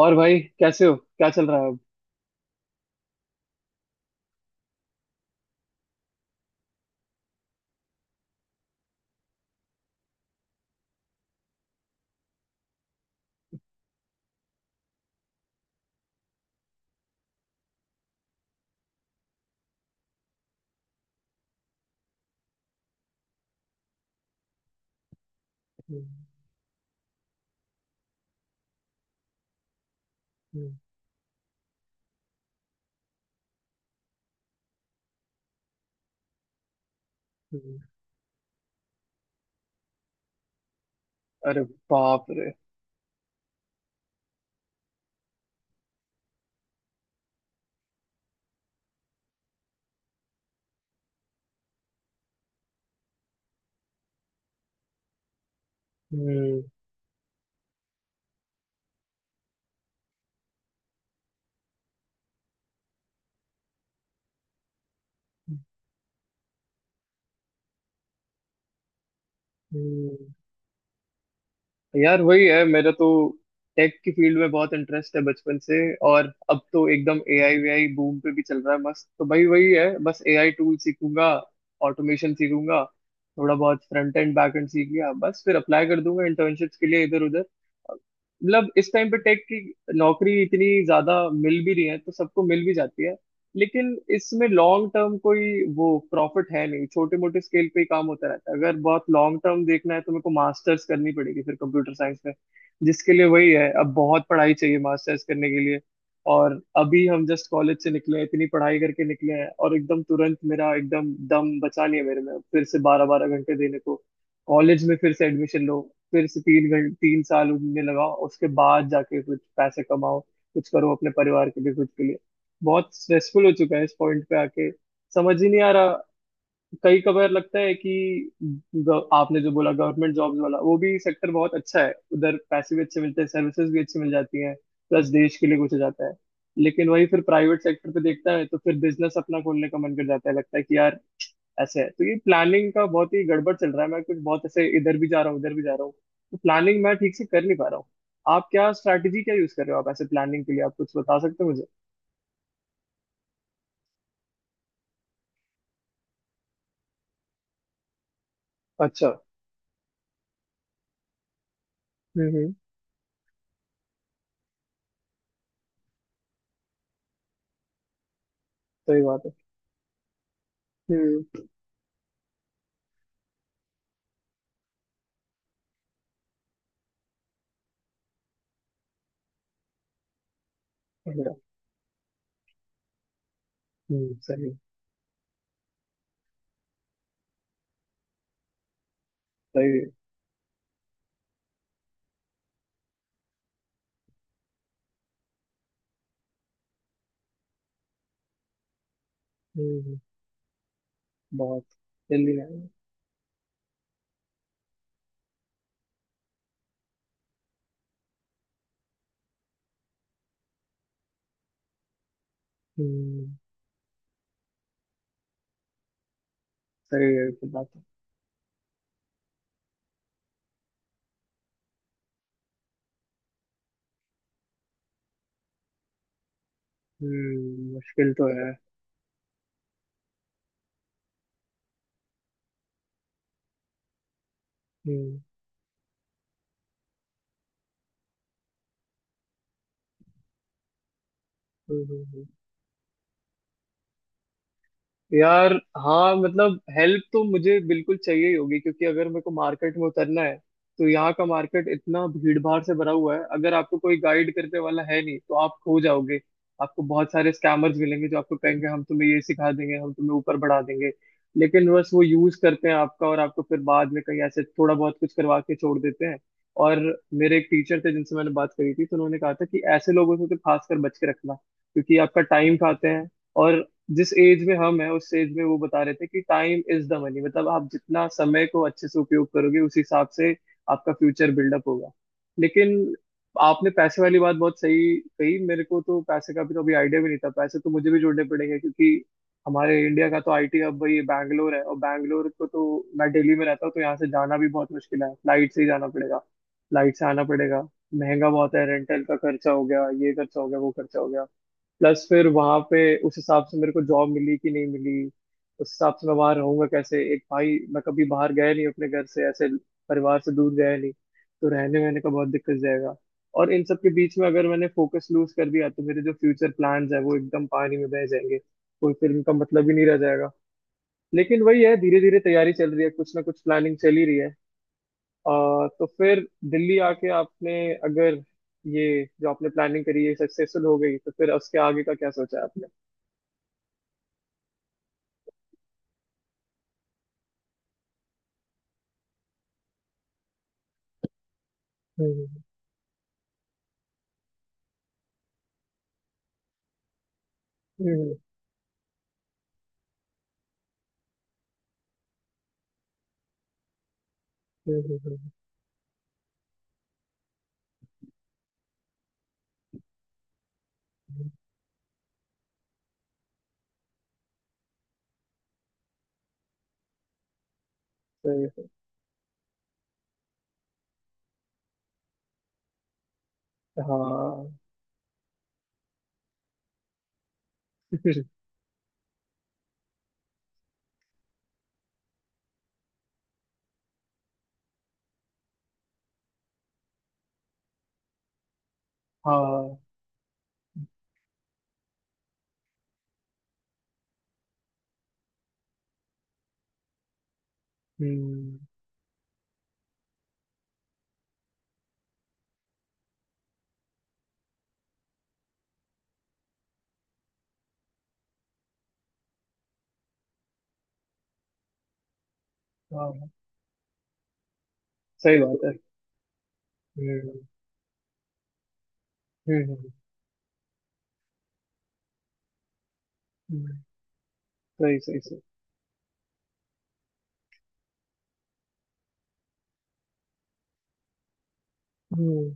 और भाई, कैसे हो? क्या चल रहा है अब? हम्म। हम्म। हम्म। अरे! बाप रे! हम्म। हम्म। यार, वही है मेरा तो। टेक की फील्ड में बहुत इंटरेस्ट है बचपन से। और अब तो एकदम एआई वीआई बूम पे भी चल रहा है, मस्त। तो भाई, वही है, बस एआई टूल सीखूंगा, ऑटोमेशन सीखूंगा। थोड़ा बहुत फ्रंट एंड बैक एंड सीख लिया, बस फिर अप्लाई कर दूंगा इंटर्नशिप्स के लिए इधर उधर। मतलब इस टाइम पे टेक की नौकरी इतनी ज्यादा मिल भी रही है तो सबको मिल भी जाती है। लेकिन इसमें लॉन्ग टर्म कोई वो प्रॉफिट है नहीं, छोटे मोटे स्केल पे ही काम होता रहता है। अगर बहुत लॉन्ग टर्म देखना है तो मेरे को मास्टर्स करनी पड़ेगी फिर कंप्यूटर साइंस में। जिसके लिए वही है, अब बहुत पढ़ाई चाहिए मास्टर्स करने के लिए। और अभी हम जस्ट कॉलेज से निकले हैं, इतनी पढ़ाई करके निकले हैं और एकदम तुरंत मेरा एकदम दम बचा नहीं है मेरे में फिर से 12 12 घंटे देने को। कॉलेज में फिर से एडमिशन लो, फिर से 3 साल उनमें लगाओ, उसके बाद जाके कुछ पैसे कमाओ, कुछ करो अपने परिवार के लिए, खुद के लिए। बहुत स्ट्रेसफुल हो चुका है इस पॉइंट पे आके। समझ ही नहीं आ रहा। कई कबार लगता है कि आपने जो बोला गवर्नमेंट जॉब्स वाला, वो भी सेक्टर बहुत अच्छा है, उधर पैसे भी अच्छे मिलते हैं, सर्विसेज भी अच्छी मिल जाती हैं, प्लस देश के लिए कुछ हो जाता है। लेकिन वही, फिर प्राइवेट सेक्टर पे देखता है तो फिर बिजनेस अपना खोलने का मन कर जाता है, लगता है कि यार ऐसे है। तो ये प्लानिंग का बहुत ही गड़बड़ चल रहा है, मैं कुछ बहुत ऐसे इधर भी जा रहा हूँ उधर भी जा रहा हूँ। तो प्लानिंग मैं ठीक से कर नहीं पा रहा हूँ। आप क्या स्ट्रैटेजी क्या यूज कर रहे हो आप ऐसे प्लानिंग के लिए? आप कुछ बता सकते हो मुझे? अच्छा। हम्म। सही बात है। हम्म। बढ़िया। हम्म। सही। सही है। हम्म। बहुत जल्दी आएगा। हम्म। सही है की बात है। हम्म। मुश्किल तो है। हम्म। हम्म। हम्म। हम्म। यार। हाँ, मतलब हेल्प तो मुझे बिल्कुल चाहिए ही होगी, क्योंकि अगर मेरे को मार्केट में उतरना है तो यहाँ का मार्केट इतना भीड़ भाड़ से भरा हुआ है, अगर आपको कोई गाइड करने वाला है नहीं तो आप खो जाओगे। आपको बहुत सारे स्कैमर्स मिलेंगे जो आपको कहेंगे हम तुम्हें ये सिखा देंगे, हम तुम्हें ऊपर बढ़ा देंगे, लेकिन बस वो यूज करते हैं आपका और आपको फिर बाद में कहीं ऐसे थोड़ा बहुत कुछ करवा के छोड़ देते हैं। और मेरे एक टीचर थे जिनसे मैंने बात करी थी, तो उन्होंने कहा था कि ऐसे लोगों से तो खासकर बच के रखना क्योंकि आपका टाइम खाते हैं। और जिस एज में हम है उस एज में वो बता रहे थे कि टाइम इज द मनी, मतलब आप जितना समय को अच्छे से उपयोग करोगे उस हिसाब से आपका फ्यूचर बिल्डअप होगा। लेकिन आपने पैसे वाली बात बहुत सही कही, मेरे को तो पैसे का भी तो अभी आइडिया भी नहीं था। पैसे तो मुझे भी जोड़ने पड़ेंगे क्योंकि हमारे इंडिया का तो आईटी हब भाई बैंगलोर है, और बैंगलोर को तो, मैं दिल्ली में रहता हूँ तो यहाँ से जाना भी बहुत मुश्किल है, फ्लाइट से ही जाना पड़ेगा, फ्लाइट से आना पड़ेगा, महंगा बहुत है। रेंटल का खर्चा हो गया, ये खर्चा हो गया, वो खर्चा हो गया, प्लस फिर वहां पे उस हिसाब से मेरे को जॉब मिली कि नहीं मिली, उस हिसाब से मैं वहां रहूंगा कैसे एक, भाई मैं कभी बाहर गया नहीं अपने घर से ऐसे, परिवार से दूर गया नहीं तो रहने वहने का बहुत दिक्कत जाएगा। और इन सब के बीच में अगर मैंने फोकस लूज कर दिया तो मेरे जो फ्यूचर प्लान्स है वो एकदम पानी में बह जाएंगे। कोई फिर उनका मतलब ही नहीं रह जाएगा। लेकिन वही है, धीरे धीरे तैयारी चल रही है, कुछ ना कुछ प्लानिंग चल ही रही है। तो फिर दिल्ली आके आपने, अगर ये जो आपने प्लानिंग करी है सक्सेसफुल हो गई, तो फिर उसके आगे का क्या सोचा है आपने? हम्म। हम्म। हम्म। हम्म। सही है। हाँ। हाँ। हम्म। हाँ। सही बात है। हम्म। हम्म। हम्म। हम्म। सही सही सही। हम्म।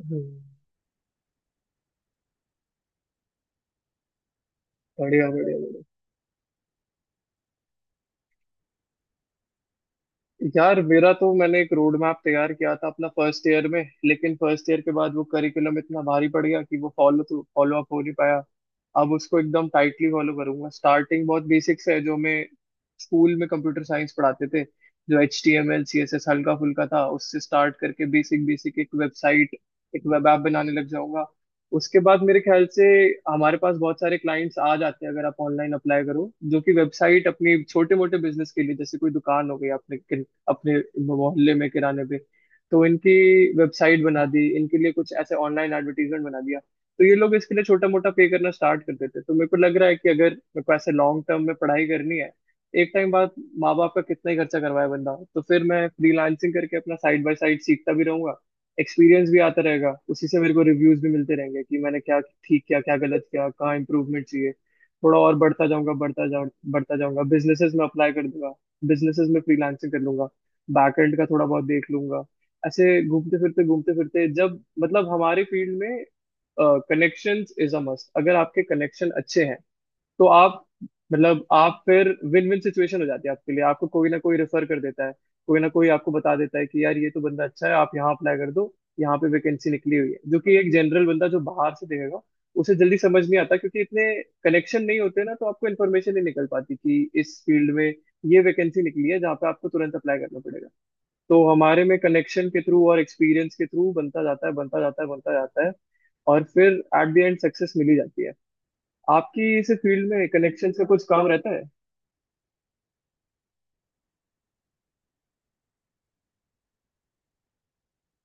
हम्म। बढ़िया बढ़िया। यार मेरा तो, मैंने एक रोड मैप तैयार किया था अपना फर्स्ट ईयर में, लेकिन फर्स्ट ईयर के बाद वो करिकुलम इतना भारी पड़ गया कि वो फॉलो तो फॉलो अप हो नहीं पाया। अब उसको एकदम टाइटली फॉलो करूंगा। स्टार्टिंग बहुत बेसिक्स है जो मैं स्कूल में कंप्यूटर साइंस पढ़ाते थे, जो HTML CSS हल्का फुल्का था, उससे स्टार्ट करके बेसिक बेसिक एक वेबसाइट एक वेब ऐप बनाने लग जाऊंगा। उसके बाद मेरे ख्याल से हमारे पास बहुत सारे क्लाइंट्स आ जाते हैं अगर आप ऑनलाइन अप्लाई करो, जो कि वेबसाइट अपनी छोटे मोटे बिजनेस के लिए, जैसे कोई दुकान हो गई आपने अपने मोहल्ले में किराने पे, तो इनकी वेबसाइट बना दी, इनके लिए कुछ ऐसे ऑनलाइन एडवर्टीजमेंट बना दिया, तो ये लोग इसके लिए छोटा मोटा पे करना स्टार्ट कर देते। तो मेरे को लग रहा है कि अगर मेरे को ऐसे लॉन्ग टर्म में पढ़ाई करनी है एक टाइम बाद, माँ बाप का कितना ही खर्चा करवाए बंदा, तो फिर मैं फ्रीलांसिंग करके अपना साइड बाय साइड सीखता भी रहूंगा, एक्सपीरियंस भी आता रहेगा, उसी से मेरे को रिव्यूज भी मिलते रहेंगे कि मैंने क्या ठीक किया, क्या गलत किया, कहाँ इंप्रूवमेंट चाहिए। थोड़ा और बढ़ता जाऊंगा, बढ़ता जाऊंगा, बिजनेसेस में अप्लाई कर दूंगा, बिजनेसेस में फ्रीलांसिंग कर लूंगा, बैक एंड का थोड़ा बहुत देख लूंगा। ऐसे घूमते फिरते घूमते फिरते, जब मतलब हमारे फील्ड में कनेक्शंस इज अ मस्ट, अगर आपके कनेक्शन अच्छे हैं तो आप, मतलब आप फिर विन विन सिचुएशन हो जाती है आपके लिए, आपको कोई ना कोई रेफर कर देता है, कोई ना कोई आपको बता देता है कि यार ये तो बंदा अच्छा है आप यहाँ अप्लाई कर दो, यहाँ पे वैकेंसी निकली हुई है, जो कि एक जनरल बंदा जो बाहर से देखेगा उसे जल्दी समझ नहीं आता क्योंकि इतने कनेक्शन नहीं होते ना, तो आपको इन्फॉर्मेशन नहीं निकल पाती कि इस फील्ड में ये वैकेंसी निकली है जहाँ पे आपको तुरंत अप्लाई करना पड़ेगा। तो हमारे में कनेक्शन के थ्रू और एक्सपीरियंस के थ्रू बनता जाता है बनता जाता है बनता जाता है। और फिर एट द एंड सक्सेस मिली जाती है। आपकी इस फील्ड में कनेक्शन का कुछ काम रहता है।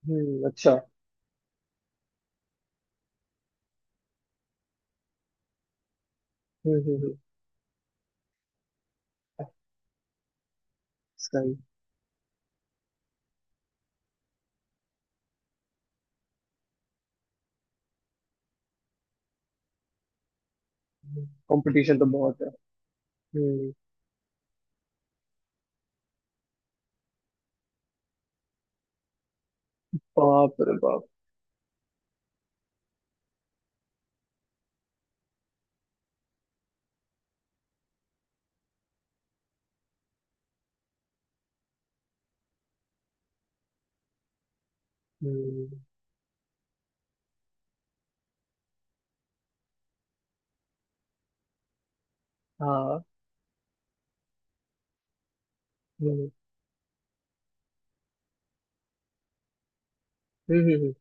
हम्म। अच्छा। हम्म। हम्म। हम्म। सही। कंपटीशन तो बहुत है। हम्म। बाप रे बाप। हम्म। हाँ। हम्म। हम्म। हम्म।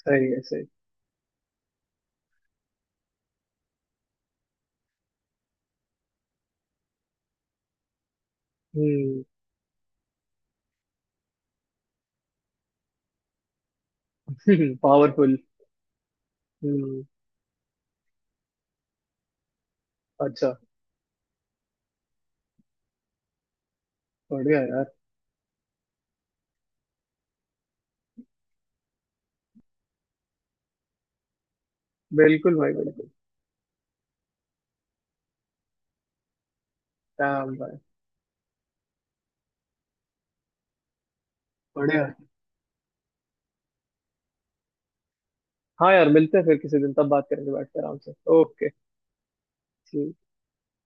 सही है सही। हम्म। पावरफुल। हम्म। अच्छा। बढ़िया यार। बिल्कुल भाई बिल्कुल। damn भाई। बढ़िया। हाँ यार, मिलते हैं फिर किसी दिन, तब बात करेंगे बैठ के आराम से। ओके। जी।